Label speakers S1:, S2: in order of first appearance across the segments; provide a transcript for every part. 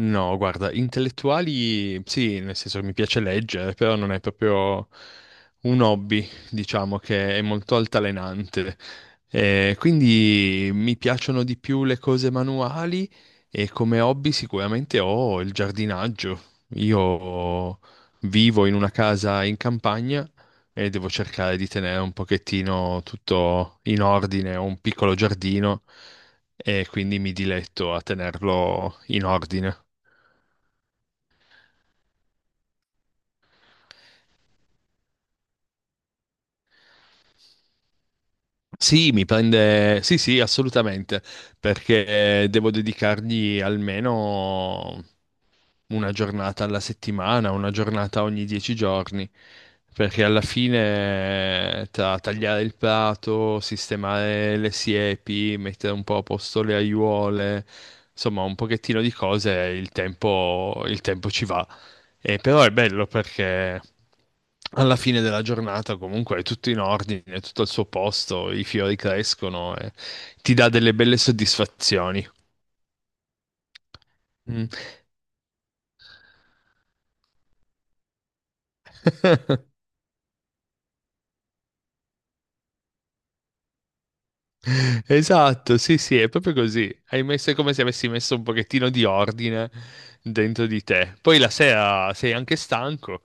S1: No, guarda, intellettuali sì, nel senso che mi piace leggere, però non è proprio un hobby, diciamo che è molto altalenante. Quindi mi piacciono di più le cose manuali e come hobby sicuramente ho il giardinaggio. Io vivo in una casa in campagna e devo cercare di tenere un pochettino tutto in ordine, ho un piccolo giardino e quindi mi diletto a tenerlo in ordine. Sì, mi prende, sì, sì, assolutamente, perché devo dedicargli almeno una giornata alla settimana, una giornata ogni 10 giorni, perché alla fine tra tagliare il prato, sistemare le siepi, mettere un po' a posto le aiuole, insomma, un pochettino di cose, il tempo ci va. E però è bello perché alla fine della giornata comunque è tutto in ordine, è tutto al suo posto, i fiori crescono e ti dà delle belle soddisfazioni. Mm. Esatto, sì, sì, è proprio così. Hai messo è come se avessi messo un pochettino di ordine dentro di te. Poi la sera sei anche stanco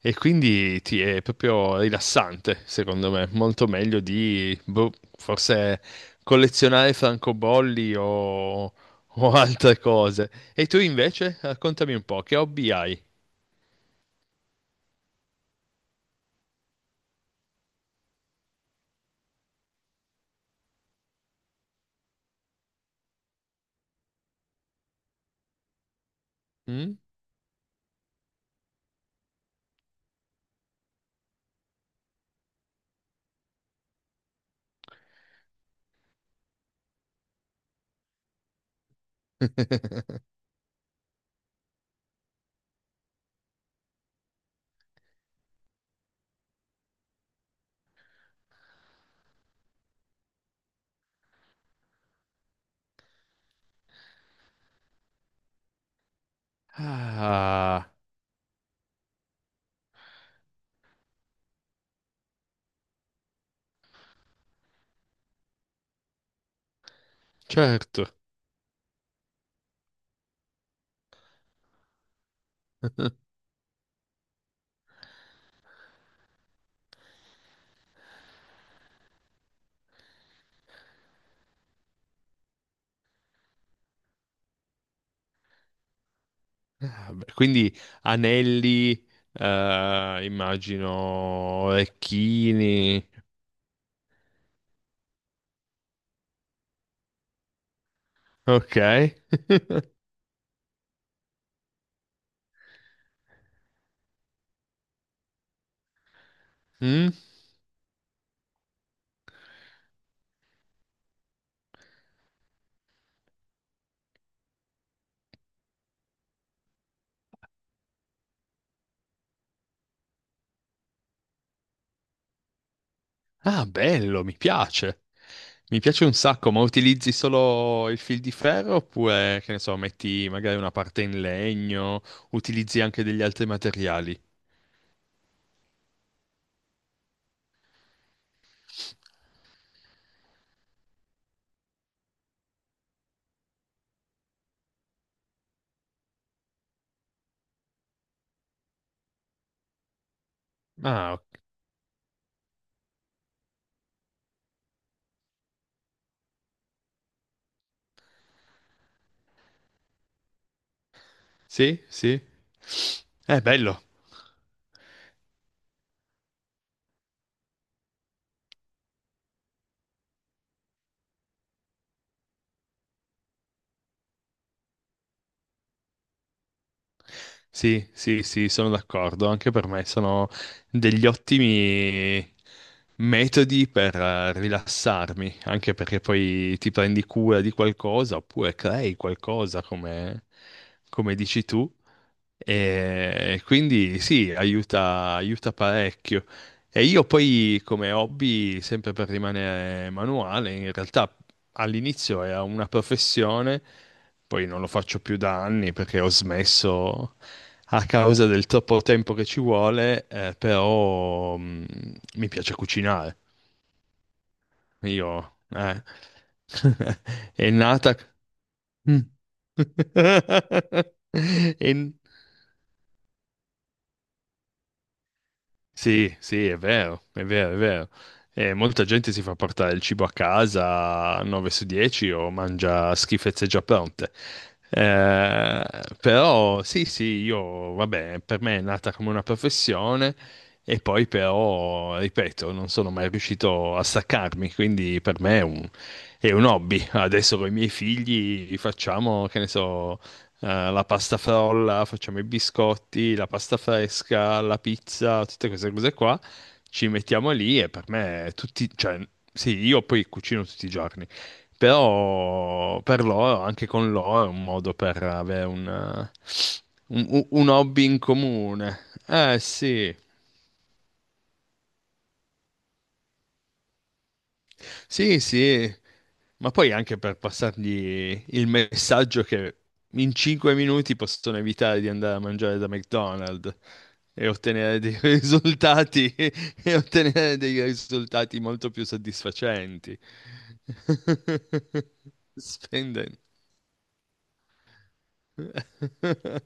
S1: e quindi ti è proprio rilassante, secondo me. Molto meglio di, boh, forse collezionare francobolli o altre cose. E tu invece, raccontami un po', che hobby hai? Mm? Ah, certo. Vabbè, quindi anelli, immagino, orecchini. Ok. Mm? Ah, bello, mi piace. Mi piace un sacco, ma utilizzi solo il fil di ferro oppure, che ne so, metti magari una parte in legno, utilizzi anche degli altri materiali? Ah, ok. Sì, sì. È bello. Sì, sì, sì, sono d'accordo. Anche per me sono degli ottimi metodi per rilassarmi, anche perché poi ti prendi cura di qualcosa oppure crei qualcosa come dici tu. E quindi sì, aiuta, aiuta parecchio. E io poi come hobby, sempre per rimanere manuale, in realtà all'inizio era una professione. Poi non lo faccio più da anni perché ho smesso a causa del troppo tempo che ci vuole, però mi piace cucinare. Io. È nata. Mm. È Sì, sì, è vero, è vero, è vero. E molta gente si fa portare il cibo a casa 9 su 10 o mangia schifezze già pronte. Eh, Però sì, sì, io, vabbè, per me è nata come una professione e poi però, ripeto, non sono mai riuscito a staccarmi, quindi per me è un hobby. Adesso con i miei figli facciamo, che ne so, la pasta frolla, facciamo i biscotti, la pasta fresca, la pizza, tutte queste cose qua. Ci mettiamo lì e per me tutti, cioè, sì, io poi cucino tutti i giorni, però per loro, anche con loro, è un modo per avere un hobby in comune. Eh sì. Sì, sì, ma poi anche per passargli il messaggio che in 5 minuti possono evitare di andare a mangiare da McDonald's e ottenere dei risultati, e ottenere dei risultati molto più soddisfacenti. Spendendo.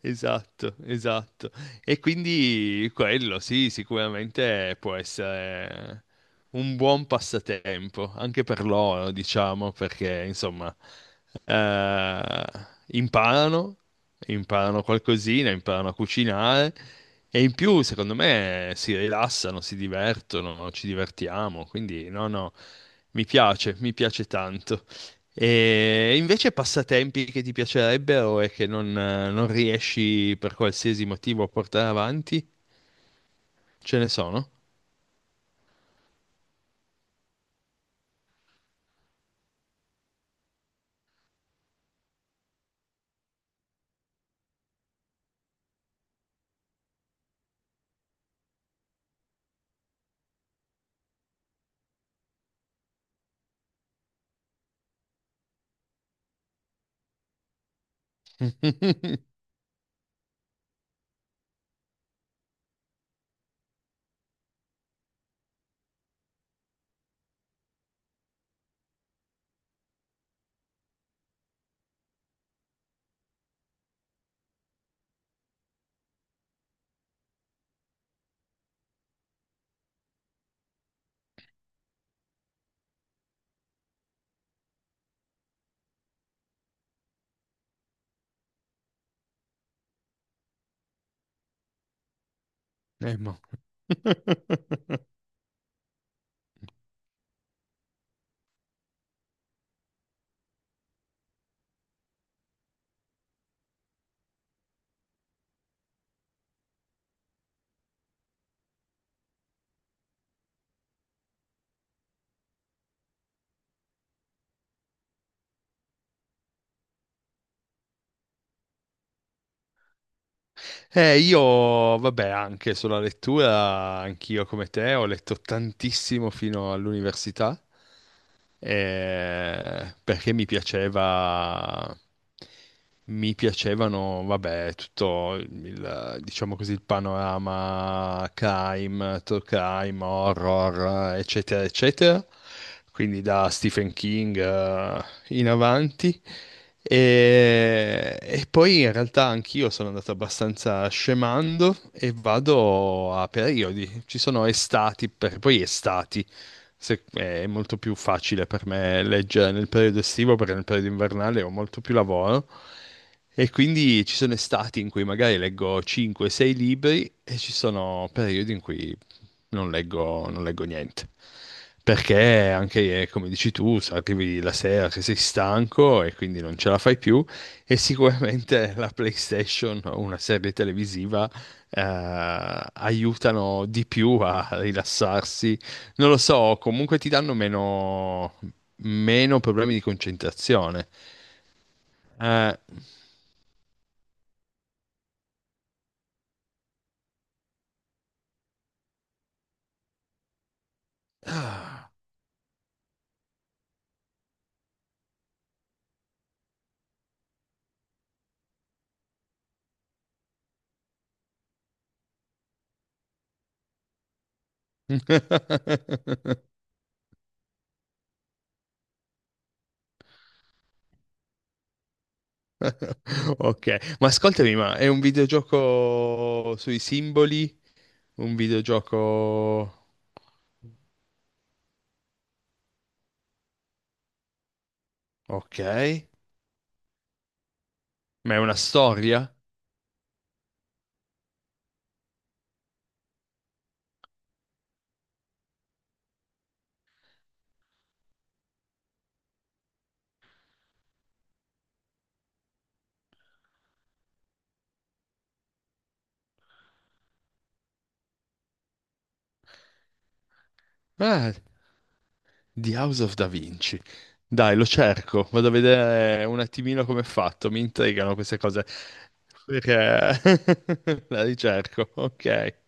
S1: Esatto, esatto. E quindi quello, sì, sicuramente può essere un buon passatempo, anche per loro, diciamo, perché insomma, eh, imparano, imparano qualcosina, imparano a cucinare e in più, secondo me, si rilassano, si divertono, ci divertiamo, quindi no, no, mi piace tanto. E invece passatempi che ti piacerebbero e che non riesci per qualsiasi motivo a portare avanti, ce ne sono? Mo. Io, vabbè, anche sulla lettura, anch'io come te, ho letto tantissimo fino all'università perché mi piaceva, mi piacevano, vabbè, tutto il, diciamo così, il panorama crime, true crime, horror, eccetera, eccetera. Quindi da Stephen King, in avanti. E poi in realtà anch'io sono andato abbastanza scemando e vado a periodi. Ci sono estati, poi estati. È molto più facile per me leggere nel periodo estivo perché nel periodo invernale ho molto più lavoro. E quindi ci sono estati in cui magari leggo 5-6 libri e ci sono periodi in cui non leggo niente. Perché anche, come dici tu, se arrivi la sera che sei stanco e quindi non ce la fai più e sicuramente la PlayStation o una serie televisiva eh, aiutano di più a rilassarsi. Non lo so, comunque ti danno meno problemi di concentrazione. Eh, Ok, ma ascoltami, ma è un videogioco sui simboli? Un videogioco. Ok. Ma è una storia? Ah, The House of Da Vinci. Dai, lo cerco, vado a vedere un attimino come è fatto, mi intrigano queste cose. Perché la ricerco, ok.